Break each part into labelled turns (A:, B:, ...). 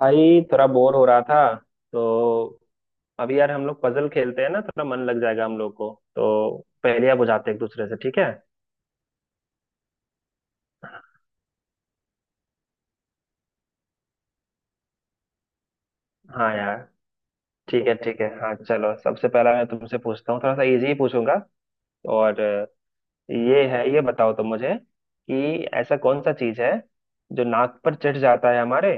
A: भाई थोड़ा बोर हो रहा था। तो अभी यार हम लोग पजल खेलते हैं ना, थोड़ा मन लग जाएगा हम लोग को। तो पहेलियां बुझाते हैं एक दूसरे से, ठीक है। हाँ यार, ठीक है। हाँ चलो, सबसे पहला मैं तुमसे पूछता हूँ, थोड़ा सा इजी ही पूछूंगा। और अ, ये है, ये बताओ तुम मुझे, कि ऐसा कौन सा चीज है जो नाक पर चढ़ जाता है हमारे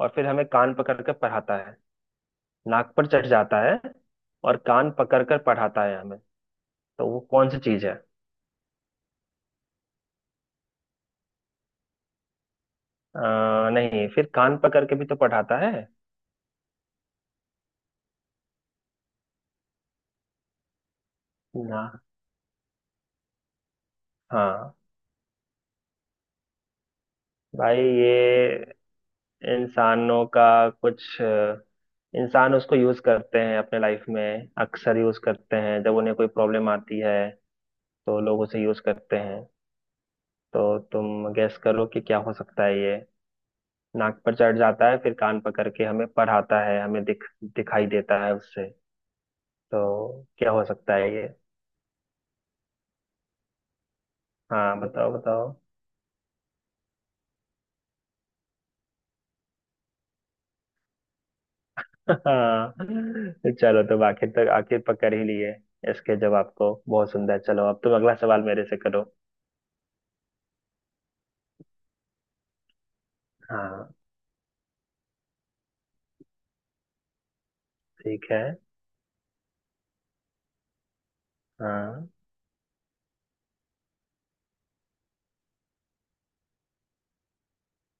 A: और फिर हमें कान पकड़ कर पढ़ाता है। नाक पर चढ़ जाता है और कान पकड़ कर पढ़ाता है हमें। तो वो कौन सी चीज है। अ, नहीं, फिर कान पकड़ के भी तो पढ़ाता है ना। हाँ भाई, ये इंसानों का कुछ इंसान उसको यूज करते हैं अपने लाइफ में, अक्सर यूज करते हैं जब उन्हें कोई प्रॉब्लम आती है तो लोग उसे यूज करते हैं। तो तुम गैस करो कि क्या हो सकता है ये। नाक पर चढ़ जाता है, फिर कान पकड़ के हमें पढ़ाता है, हमें दिखाई देता है उससे। तो क्या हो सकता है ये। हाँ, बताओ बताओ। हाँ चलो, तुम आखिर तक आखिर पकड़ ही लिए इसके जवाब को। बहुत सुंदर। चलो अब तुम अगला सवाल मेरे से करो। हाँ ठीक है, हाँ।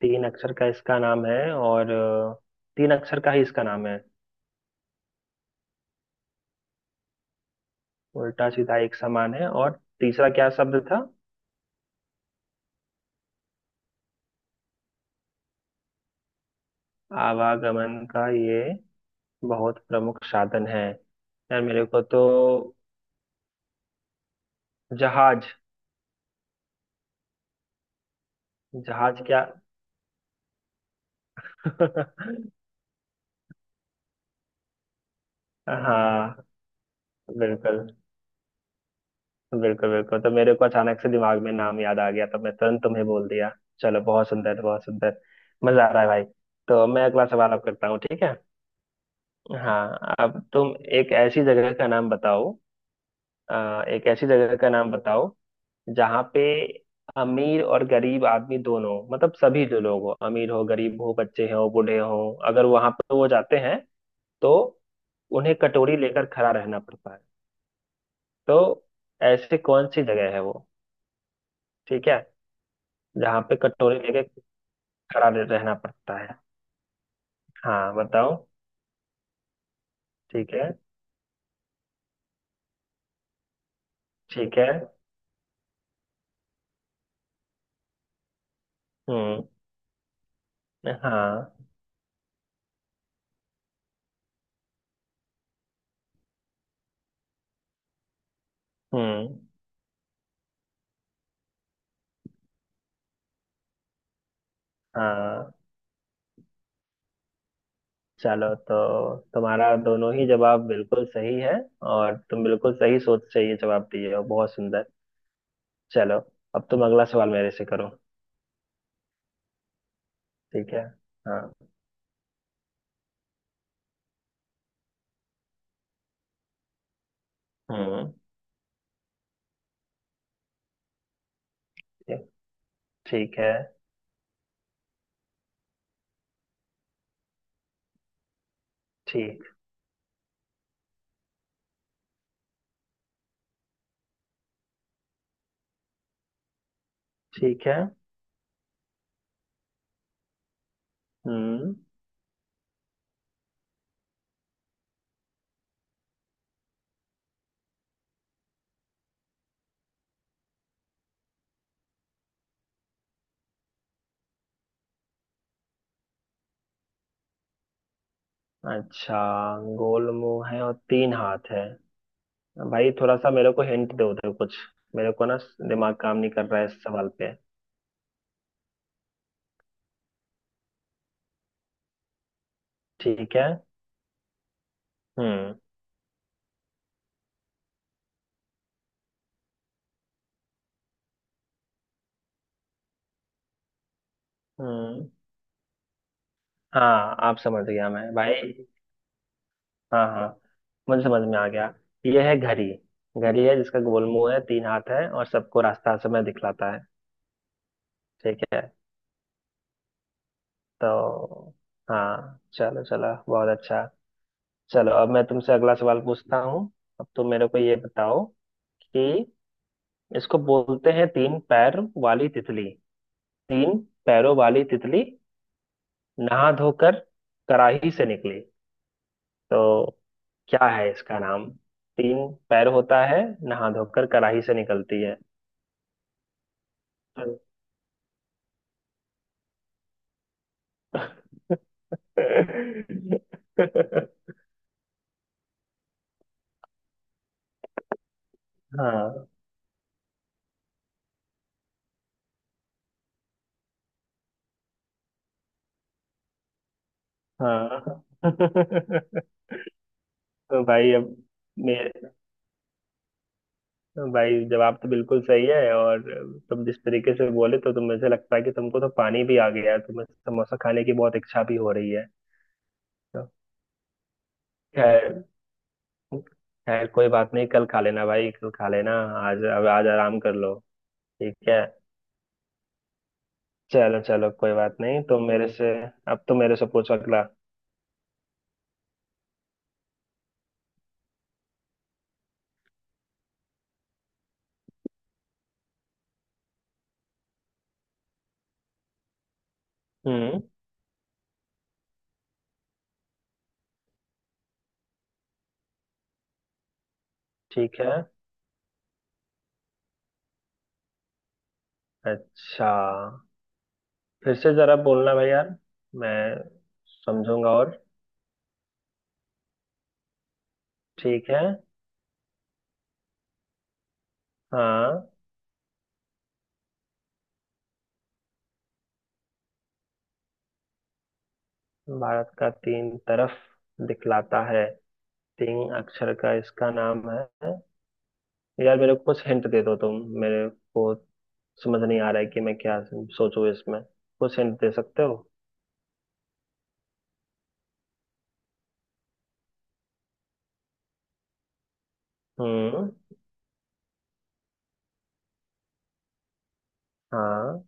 A: तीन अक्षर का इसका नाम है और तीन अक्षर का ही इसका नाम है। उल्टा सीधा एक समान है, और तीसरा क्या शब्द था। आवागमन का ये बहुत प्रमुख साधन है। यार मेरे को तो जहाज। जहाज क्या। हाँ, बिल्कुल। बिल्कुल। तो मेरे को अचानक से दिमाग में नाम याद आ गया तो मैं तुरंत तुम्हें बोल दिया। चलो, बहुत सुंदर बहुत सुंदर। मजा आ रहा है भाई। तो मैं अगला सवाल अब करता हूँ, ठीक है। हाँ, अब तुम एक ऐसी जगह का नाम बताओ। एक ऐसी जगह का नाम बताओ, जहाँ पे अमीर और गरीब आदमी दोनों, मतलब सभी जो लोग हो, अमीर हो गरीब हो बच्चे हो बूढ़े हो, अगर वहां पर वो जाते हैं तो उन्हें कटोरी लेकर खड़ा रहना पड़ता है। तो ऐसी कौन सी जगह है वो, ठीक है। जहाँ पे कटोरी लेके खड़ा रहना पड़ता है। हाँ बताओ। ठीक है। ठीक है। हम्म। हाँ। हम्म। हाँ चलो, तो तुम्हारा दोनों ही जवाब बिल्कुल सही है, और तुम बिल्कुल सही सोच से ये जवाब दिए हो। बहुत सुंदर। चलो अब तुम अगला सवाल मेरे से करो। ठीक है। हाँ। हम्म। ठीक। ठीक है ठीक ठीक है। हम्म। अच्छा, गोल मुंह है और तीन हाथ है। भाई थोड़ा सा मेरे को हिंट दो, दो कुछ। मेरे को ना दिमाग काम नहीं कर रहा है इस सवाल पे। ठीक है। हम्म। हम्म। हाँ, आप समझ गया मैं भाई। हाँ हाँ, मुझे समझ में आ गया। यह है घड़ी। घड़ी है जिसका गोल मुंह है, तीन हाथ है, और सबको रास्ता हर समय दिखलाता है। ठीक है। तो हाँ चलो चलो, बहुत अच्छा। चलो, अब मैं तुमसे अगला सवाल पूछता हूँ। अब तुम मेरे को ये बताओ, कि इसको बोलते हैं तीन पैर वाली तितली। तीन पैरों वाली तितली, नहा धोकर कराही से निकली। तो क्या है इसका नाम। तीन पैर होता है, नहा धोकर कराही से निकलती है। हाँ हाँ। तो भाई अब मेरे, भाई जवाब तो बिल्कुल सही है, और तुम जिस तरीके से बोले, तो तुम, मुझे लगता है कि तुमको तो पानी भी आ गया है, तुम्हें समोसा खाने की बहुत इच्छा भी हो रही है। तो खैर, खैर कोई बात नहीं, कल खा लेना भाई, कल खा लेना। आज अब आज आराम कर लो, ठीक है। चलो चलो, कोई बात नहीं, तो मेरे से, अब तो मेरे से पूछो अगला। हम्म। ठीक है। अच्छा, फिर से जरा बोलना भाई यार, मैं समझूंगा। और ठीक है, हाँ। भारत का तीन तरफ दिखलाता है, तीन अक्षर का इसका नाम है। यार मेरे को कुछ हिंट दे दो तुम, मेरे को समझ नहीं आ रहा है कि मैं क्या सोचूं इसमें, कुछ हिंट दे सकते हो। हम्म। हाँ।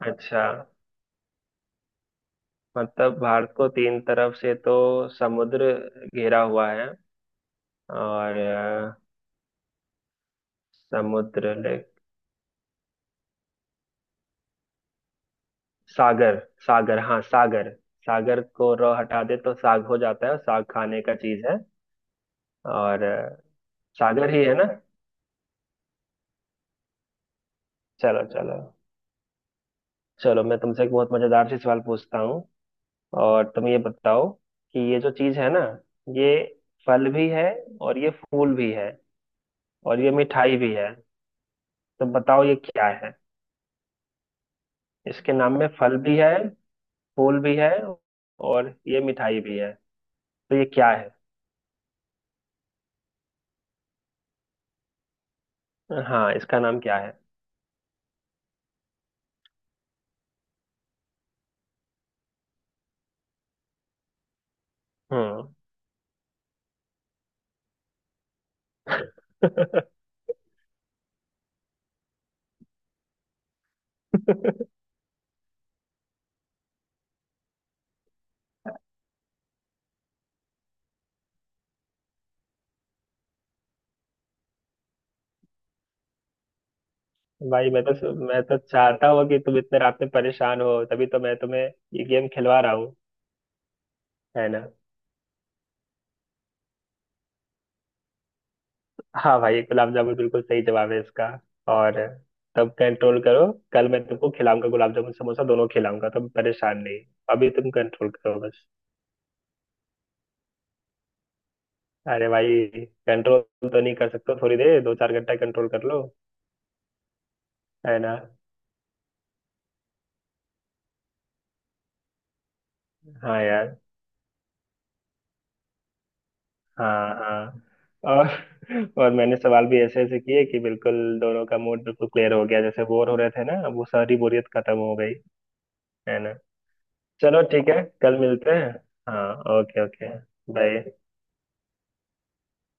A: अच्छा, मतलब भारत को तीन तरफ से तो समुद्र घेरा हुआ है। और अ, समुद्र ले, सागर। सागर, हाँ सागर। सागर को र हटा दे तो साग हो जाता है, और साग खाने का चीज है। और अ, सागर ही है ना। चलो चलो, चलो मैं तुमसे एक बहुत मजेदार सी सवाल पूछता हूँ। और तुम ये बताओ, कि ये जो चीज है ना, ये फल भी है, और ये फूल भी है, और ये मिठाई भी है। तो बताओ ये क्या है। इसके नाम में फल भी है, फूल भी है, और ये मिठाई भी है। तो ये क्या है। हाँ, इसका नाम क्या है। हम्म। भाई मैं तो चाहता हूँ कि तुम इतने रात में परेशान हो, तभी तो मैं तुम्हें ये गेम खिलवा रहा हूँ, है ना। हाँ भाई, गुलाब जामुन बिल्कुल सही जवाब है इसका। और तब कंट्रोल करो, कल मैं तुमको खिलाऊंगा, गुलाब जामुन समोसा दोनों खिलाऊंगा, तुम परेशान नहीं। अभी तुम कंट्रोल करो बस। अरे भाई, कंट्रोल तो नहीं कर सकते थोड़ी देर, दो चार घंटा कंट्रोल कर लो। है ना। हाँ यार। हाँ हाँ। और और मैंने सवाल भी ऐसे ऐसे किए कि बिल्कुल दोनों का मूड बिल्कुल क्लियर हो गया, जैसे बोर हो रहे थे ना, अब वो सारी बोरियत खत्म हो गई। है ना। चलो ठीक है, कल मिलते हैं। हाँ, ओके ओके, बाय।